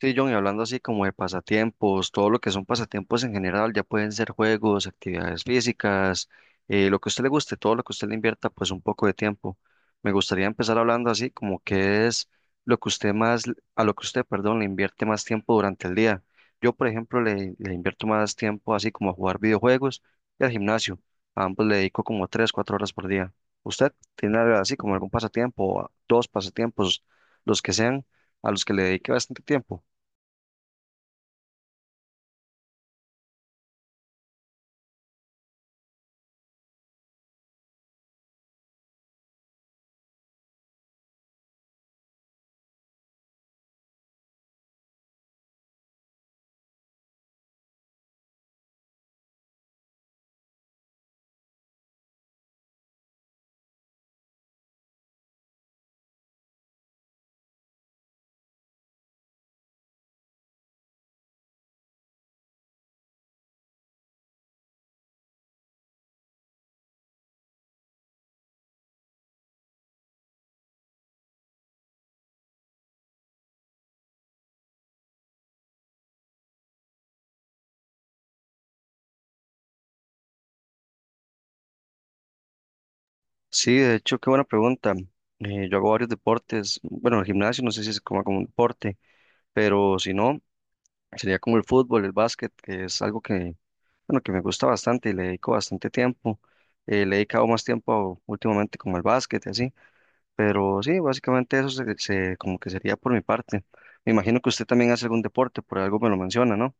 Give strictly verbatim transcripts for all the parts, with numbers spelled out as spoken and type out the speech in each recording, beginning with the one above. Sí, John, y hablando así como de pasatiempos, todo lo que son pasatiempos en general, ya pueden ser juegos, actividades físicas, eh, lo que a usted le guste, todo lo que usted le invierta, pues un poco de tiempo. Me gustaría empezar hablando así como qué es lo que usted más, a lo que usted, perdón, le invierte más tiempo durante el día. Yo, por ejemplo, le, le invierto más tiempo así como a jugar videojuegos y al gimnasio. A ambos le dedico como tres, cuatro horas por día. ¿Usted tiene algo así como algún pasatiempo, o dos pasatiempos, los que sean, a los que le dedique bastante tiempo? Sí, de hecho, qué buena pregunta. Eh, yo hago varios deportes. Bueno, el gimnasio no sé si se coma como un deporte, pero si no, sería como el fútbol, el básquet, que es algo que, bueno, que me gusta bastante y le dedico bastante tiempo. Eh, le he dedicado más tiempo últimamente como al básquet y así, pero sí, básicamente eso se, se- como que sería por mi parte. Me imagino que usted también hace algún deporte, por algo me lo menciona, ¿no?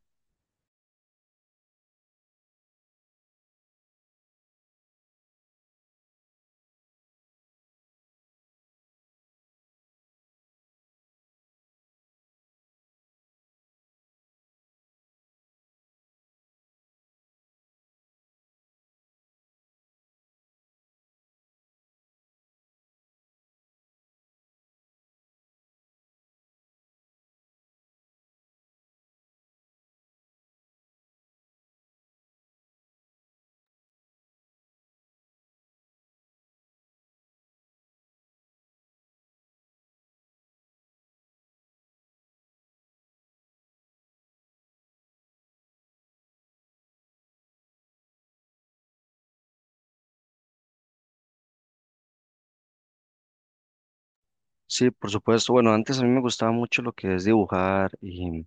Sí, por supuesto. Bueno, antes a mí me gustaba mucho lo que es dibujar y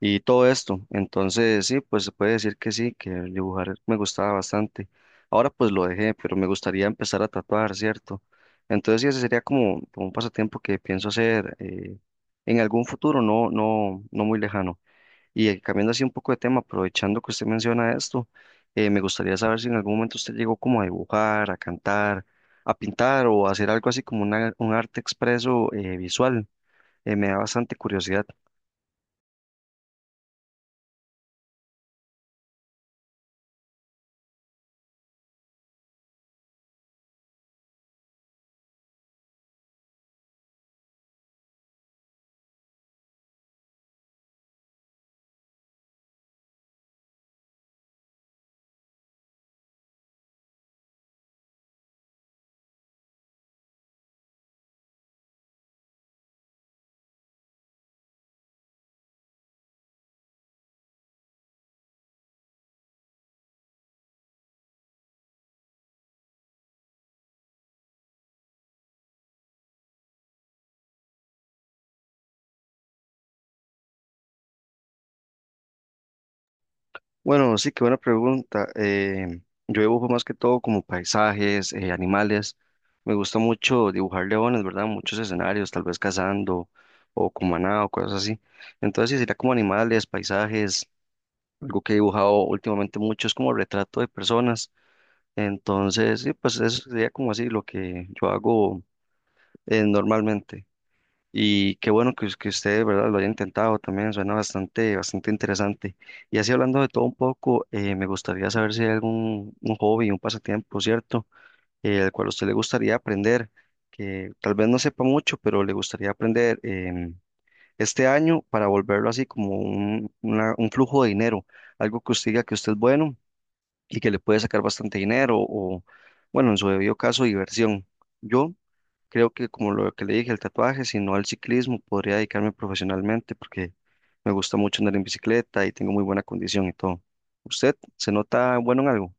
y todo esto. Entonces, sí, pues se puede decir que sí, que el dibujar me gustaba bastante. Ahora pues lo dejé, pero me gustaría empezar a tatuar, ¿cierto? Entonces, sí, ese sería como, como un pasatiempo que pienso hacer eh, en algún futuro, no, no, no muy lejano. Y eh, cambiando así un poco de tema, aprovechando que usted menciona esto, eh, me gustaría saber si en algún momento usted llegó como a dibujar, a cantar, a pintar o a hacer algo así como una- un arte expreso eh, visual. Eh, me da bastante curiosidad. Bueno, sí, qué buena pregunta. Eh, yo dibujo más que todo como paisajes, eh, animales. Me gusta mucho dibujar leones, ¿verdad? Muchos escenarios, tal vez cazando o con maná o cosas así. Entonces, sí, sería como animales, paisajes. Algo que he dibujado últimamente mucho es como retrato de personas. Entonces, sí, pues eso sería como así lo que yo hago eh, normalmente. Y qué bueno que, us- que usted, ¿verdad? Lo haya intentado también, suena bastante, bastante interesante. Y así hablando de todo un poco, eh, me gustaría saber si hay algún un hobby, un pasatiempo, ¿cierto? Eh, al cual a usted le gustaría aprender, que tal vez no sepa mucho, pero le gustaría aprender em, este año para volverlo así como un, una- un flujo de dinero, algo que usted diga que usted es bueno y que le puede sacar bastante dinero o, bueno, en su debido caso, diversión. Yo Creo que como lo que le dije, el tatuaje, sino al ciclismo, podría dedicarme profesionalmente porque me gusta mucho andar en bicicleta y tengo muy buena condición y todo. ¿Usted se nota bueno en algo?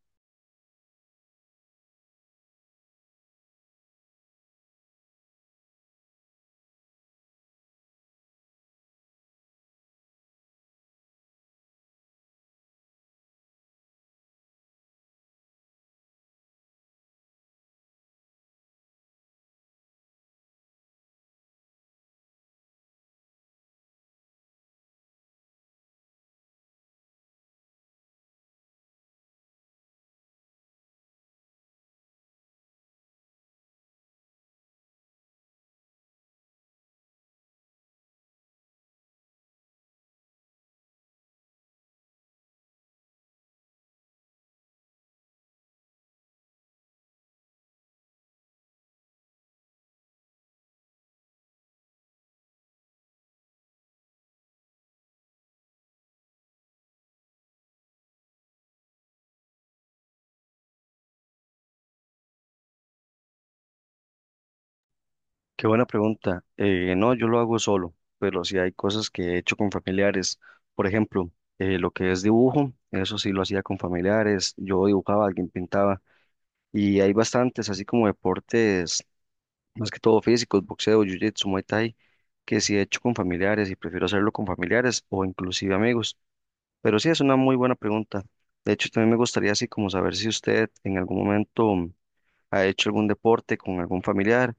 Qué buena pregunta. Eh, no, yo lo hago solo, pero sí hay cosas que he hecho con familiares. Por ejemplo, eh, lo que es dibujo, eso sí lo hacía con familiares. Yo dibujaba, alguien pintaba y hay bastantes, así como deportes, más que todo físicos, boxeo, jiu-jitsu, muay thai, que sí he hecho con familiares y prefiero hacerlo con familiares o inclusive amigos. Pero sí, es una muy buena pregunta. De hecho, también me gustaría así como saber si usted en algún momento mm, ha hecho algún deporte con algún familiar.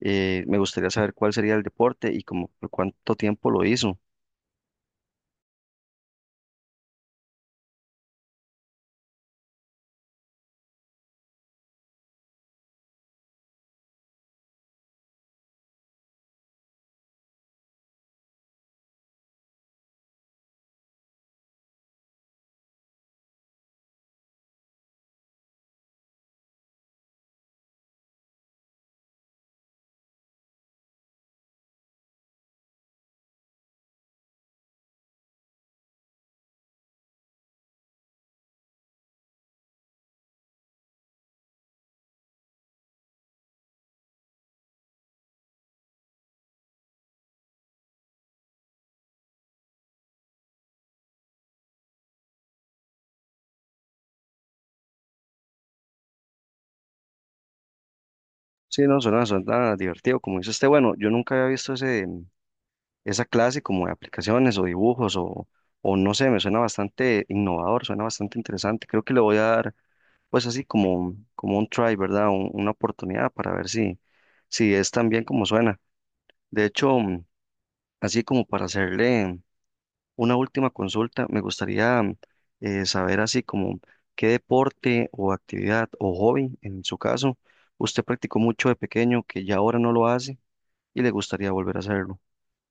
Eh, me gustaría saber cuál sería el deporte y como por cuánto tiempo lo hizo. Sí, no, suena, suena divertido. Como dice usted, bueno, yo nunca había visto ese, esa clase como de aplicaciones o dibujos o, o no sé, me suena bastante innovador, suena bastante interesante. Creo que le voy a dar pues así como, como un try, ¿verdad? Un- una oportunidad para ver si, si es tan bien como suena. De hecho... Así como para hacerle una última consulta, me gustaría mm, eh, saber así como qué deporte o actividad o hobby, en su caso, usted practicó mucho de pequeño que ya ahora no lo hace y le gustaría volver a hacerlo.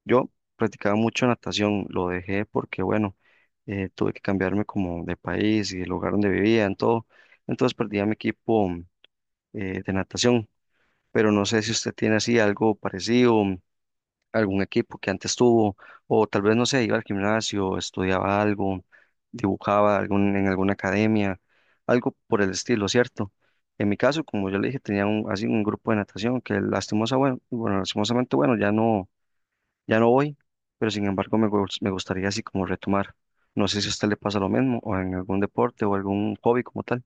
Yo practicaba mucho natación, lo dejé porque, bueno, eh, tuve que cambiarme como de país y el lugar donde vivía, en todo. Entonces perdí a mi equipo mm, eh, de natación, pero no sé si usted tiene así algo parecido, algún equipo que antes tuvo, o tal vez, no sé, iba al gimnasio, estudiaba algo, dibujaba algún, en alguna academia, algo por el estilo, ¿cierto? En mi caso, como yo le dije, tenía un, así un grupo de natación que lastimosa, bueno, bueno, lastimosamente, bueno, ya no, ya no voy, pero sin embargo me, gus- me gustaría así como retomar. No sé si a usted le pasa lo mismo, o en algún deporte o algún hobby como tal.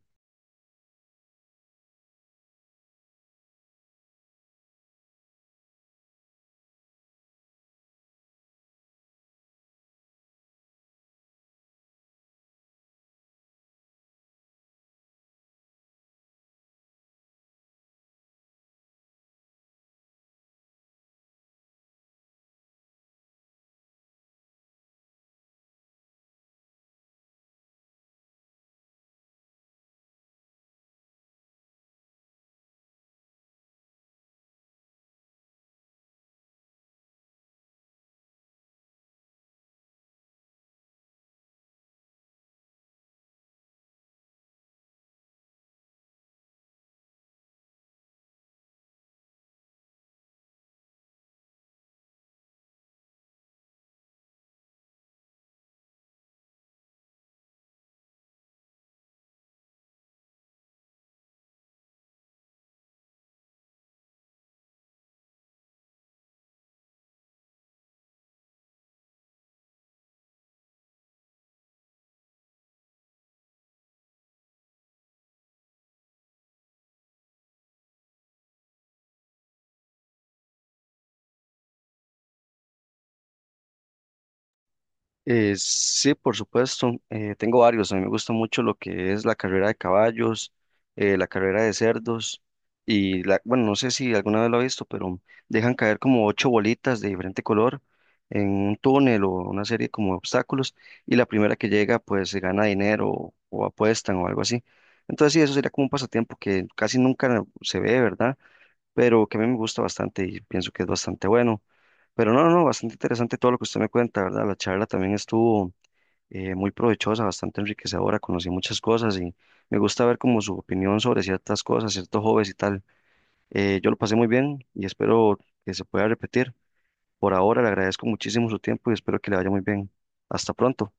Eh, sí, por supuesto. Eh, tengo varios. A mí me gusta mucho lo que es la carrera de caballos, eh, la carrera de cerdos y la, bueno, no sé si alguna vez lo he visto, pero dejan caer como ocho bolitas de diferente color en un túnel o una serie como de obstáculos y la primera que llega pues se gana dinero o, o apuestan o algo así. Entonces sí, eso sería como un pasatiempo que casi nunca se ve, ¿verdad? Pero que a mí me gusta bastante y pienso que es bastante bueno. Pero no, no, no, bastante interesante todo lo que usted me cuenta, ¿verdad? La charla también estuvo eh, muy provechosa, bastante enriquecedora, conocí muchas cosas y me gusta ver como su opinión sobre ciertas cosas, ciertos hobbies y tal. Eh, yo lo pasé muy bien y espero que se pueda repetir. Por ahora le agradezco muchísimo su tiempo y espero que le vaya muy bien. Hasta pronto,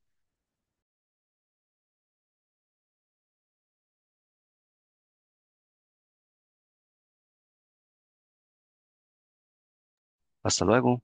hasta luego.